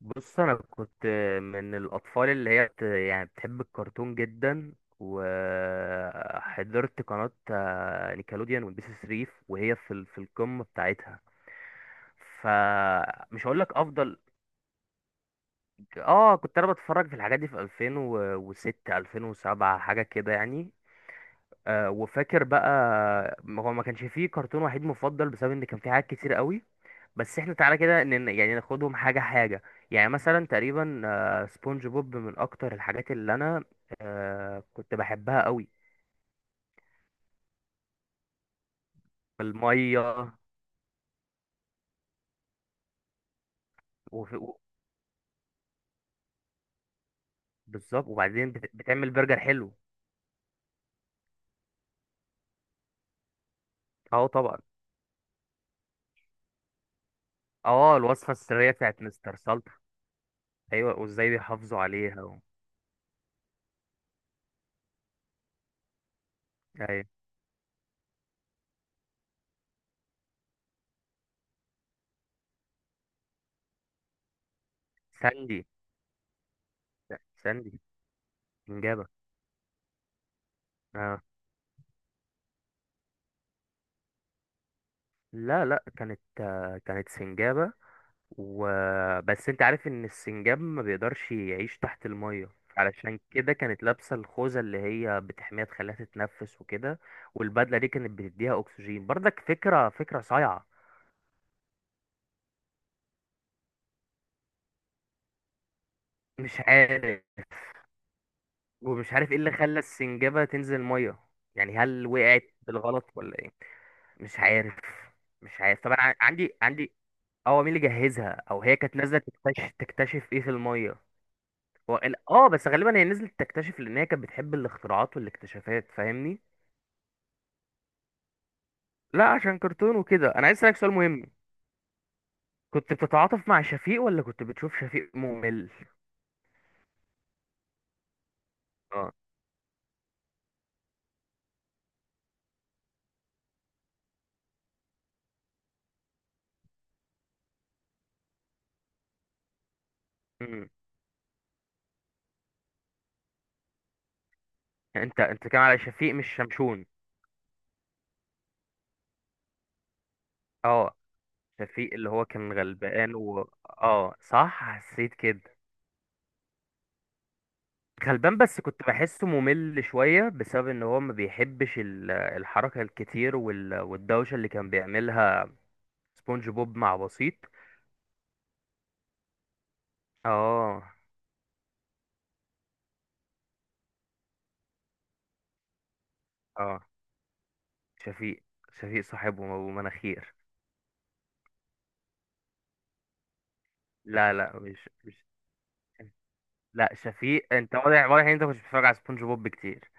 بص انا كنت من الاطفال اللي هي يعني بتحب الكرتون جدا. وحضرت قناة نيكلوديان والبي سي 3 وهي في في القمة بتاعتها. فمش هقول لك افضل. اه كنت انا بتفرج في الحاجات دي في 2006 2007 حاجة كده يعني. وفاكر بقى، ما هو ما كانش فيه كرتون وحيد مفضل بسبب ان كان فيه حاجات كتير قوي. بس احنا تعالى كده، يعني ناخدهم حاجة حاجة. يعني مثلا تقريبا سبونج بوب من اكتر الحاجات اللي انا كنت بحبها قوي. بالمية. وفي- و- بالظبط، وبعدين بتعمل برجر حلو. اه، طبعا. اه، الوصفة السرية بتاعت مستر سلطة. ايوه، وازاي بيحافظوا عليها. ايوه، ساندي. لا، ساندي. سنجابة. اه، لا، لا، كانت سنجابة. وبس انت عارف ان السنجاب ما بيقدرش يعيش تحت المية. علشان كده كانت لابسة الخوذة اللي هي بتحميها تخليها تتنفس وكده. والبدلة دي كانت بتديها اكسجين برضك، فكرة فكرة صايعة. مش عارف. ومش عارف ايه اللي خلى السنجابة تنزل مية، يعني هل وقعت بالغلط ولا ايه؟ مش عارف. مش عارف. طب انا عندي. اه مين اللي جهزها؟ او هي كانت نازلة تكتشف ايه في المية. هو ال- اه بس غالبا هي نزلت تكتشف لان هي كانت بتحب الاختراعات والاكتشافات، فاهمني. لا، عشان كرتون وكده. انا عايز اسالك سؤال مهم. كنت بتتعاطف مع شفيق ولا كنت بتشوف شفيق ممل؟ اه. امم انت كان على شفيق مش شمشون. اه. شفيق اللي هو كان غلبان و صح، حسيت كده. غلبان، بس كنت بحسه ممل شوية بسبب ان هو ما بيحبش الحركة الكتير والدوشة اللي كان بيعملها. سبونج بوب مع بسيط. اه، اه. شفيق، شفيق صاحبه ابو مناخير. لا، لا، مش. لا، شفيق، انت واضح، واضح ان انت مش بتتفرج على سبونج بوب كتير.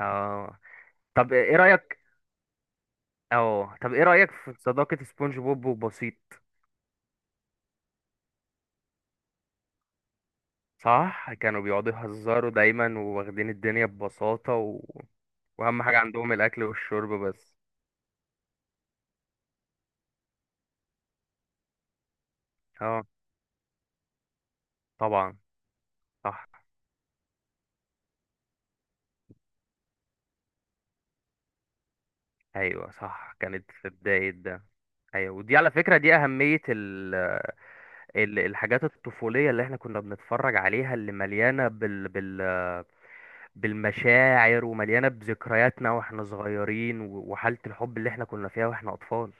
اه، طب ايه رايك؟ اه، طب ايه رايك في صداقه سبونج بوب وبسيط؟ صح، كانوا بيقعدوا يهزروا دايما وواخدين الدنيا ببساطه. واهم حاجه عندهم الاكل والشرب بس. اه، طبعا. صح. ايوه، صح، كانت في بدايه ده. ايوه، ودي على فكره دي اهميه، الحاجات الطفولية اللي احنا كنا بنتفرج عليها، اللي مليانة بالمشاعر، ومليانة بذكرياتنا واحنا وحالة الحب اللي احنا كنا فيها واحنا أطفال.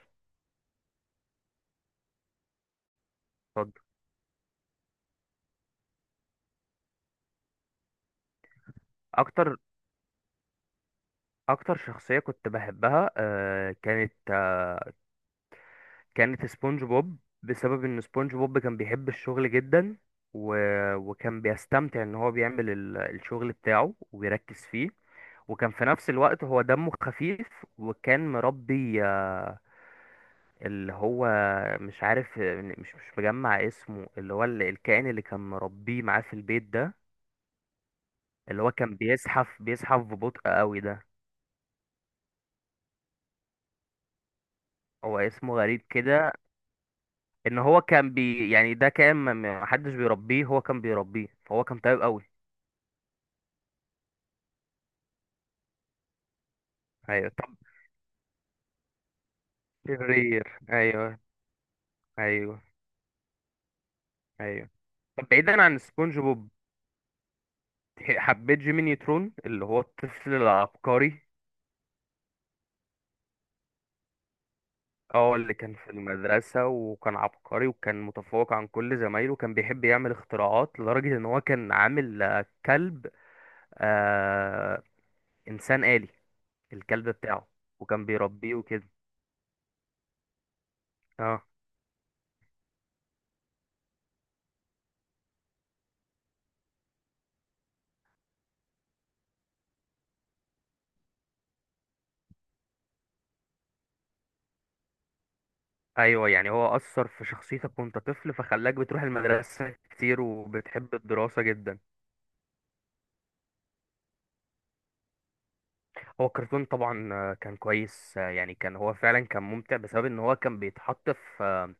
اتفضل. أكتر أكتر شخصية كنت بحبها كانت سبونج بوب، بسبب ان سبونج بوب كان بيحب الشغل جدا. و... وكان بيستمتع ان هو بيعمل الشغل بتاعه وبيركز فيه. وكان في نفس الوقت هو دمه خفيف. وكان مربي اللي هو مش عارف، مش مش مجمع اسمه، اللي هو الكائن اللي كان مربيه معاه في البيت ده. اللي هو كان بيزحف بيزحف ببطء قوي ده. هو اسمه غريب كده. ان هو كان يعني ده كان ما حدش بيربيه، هو كان بيربيه، فهو كان طيب قوي. ايوه، طب. شرير. ايوه. ايوه. ايوه، طب بعيدا عن سبونج بوب، حبيت جيمي نيوترون اللي هو الطفل العبقري. اه، اللي كان في المدرسة وكان عبقري وكان متفوق عن كل زمايله وكان بيحب يعمل اختراعات لدرجة ان هو كان عامل كلب، آه انسان آلي، الكلب بتاعه وكان بيربيه وكده. اه. ايوه، يعني هو اثر في شخصيتك وانت طفل فخلاك بتروح المدرسه كتير وبتحب الدراسه جدا. هو الكرتون طبعا كان كويس، يعني كان هو فعلا كان ممتع بسبب ان هو كان بيتحط في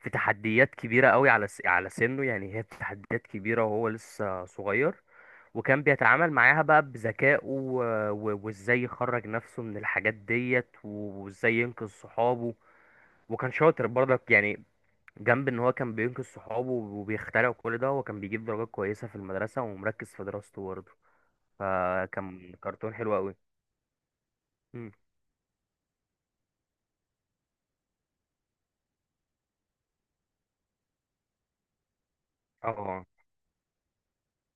في تحديات كبيره قوي على على سنه، يعني هي تحديات كبيره وهو لسه صغير. وكان بيتعامل معاها بقى بذكائه، وازاي يخرج نفسه من الحاجات ديت وازاي ينقذ صحابه. وكان شاطر برضك يعني. جنب ان هو كان بينقذ صحابه وبيخترع كل ده، هو كان بيجيب درجات كويسة في المدرسة ومركز في دراسته برضه. فكان كرتون حلو قوي. مم. اه،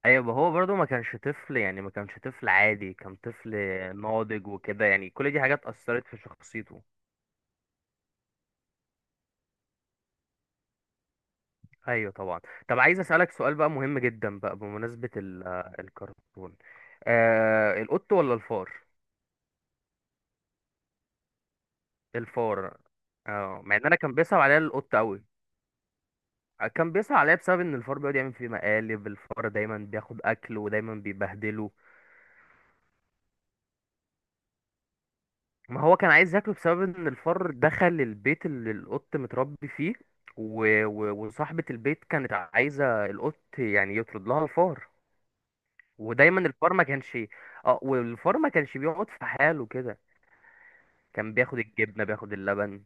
ايوه. هو برضه ما كانش طفل، يعني ما كانش طفل عادي، كان طفل ناضج وكده، يعني كل دي حاجات أثرت في شخصيته. ايوه، طبعا. طب عايز أسألك سؤال بقى مهم جدا بقى بمناسبة الكرتون. القط ولا الفار؟ الفار. اه، مع ان انا كان بيصعب عليا القط قوي. كان بيصعب عليا بسبب ان الفار بيقعد يعمل فيه مقالب، الفار دايما بياخد اكل ودايما بيبهدله. ما هو كان عايز ياكله بسبب ان الفار دخل البيت اللي القط متربي فيه. وصاحبة البيت كانت عايزة القط يعني يطرد لها الفار. ودايما الفار ما كانش، اه والفار ما كانش بيقعد في حاله كده، كان بياخد الجبنة بياخد اللبن.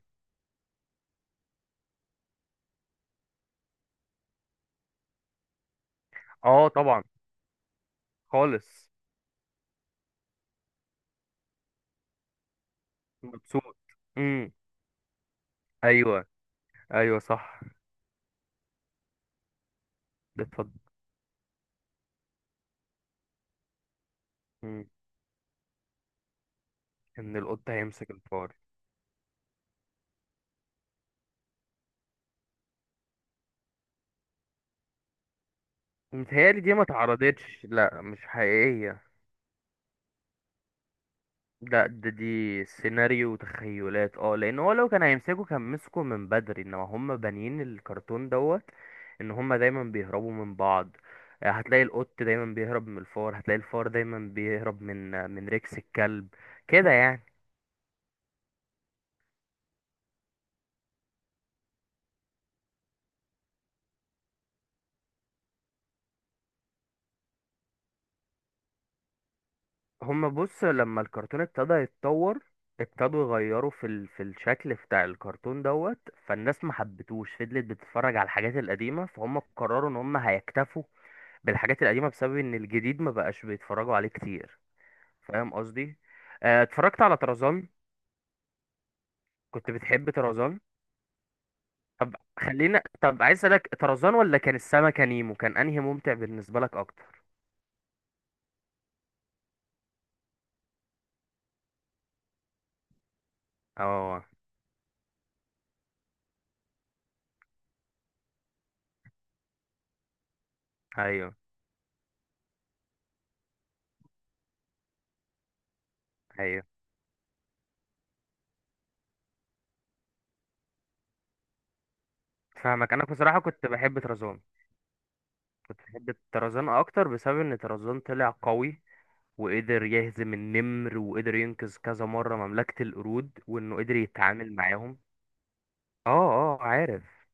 اه، طبعا. خالص. مبسوط. امم. ايوه، ايوه، صح. اتفضل. مم. ان القط هيمسك الفار. متهيألي دي ما اتعرضتش، لا، مش حقيقية. لا، دي سيناريو وتخيلات. اه لان هو لو كان هيمسكه كان مسكه من بدري، انما هم بانيين الكرتون دوت ان هم دايما بيهربوا من بعض. هتلاقي القط دايما بيهرب من الفار، هتلاقي الفار دايما بيهرب من من ريكس الكلب، كده يعني. هم بص، لما الكرتون ابتدى يتطور ابتدوا يغيروا في في الشكل بتاع الكرتون دوت. فالناس ما حبتوش، فضلت بتتفرج على الحاجات القديمة، فهم قرروا ان هم هيكتفوا بالحاجات القديمة بسبب ان الجديد ما بقاش بيتفرجوا عليه كتير. فاهم قصدي. اتفرجت على طرزان. كنت بتحب طرزان؟ طب عايز اسالك، طرزان ولا كان السمكة نيمو، كان انهي ممتع بالنسبة لك اكتر؟ اه. ايوه. ايوه، فاهمك. انا بصراحة كنت بحب طرزان. كنت بحب طرزان اكتر بسبب ان طرزان طلع قوي وقدر يهزم النمر وقدر ينقذ كذا مرة مملكة القرود، وانه قدر يتعامل معاهم. اه. اه، عارف.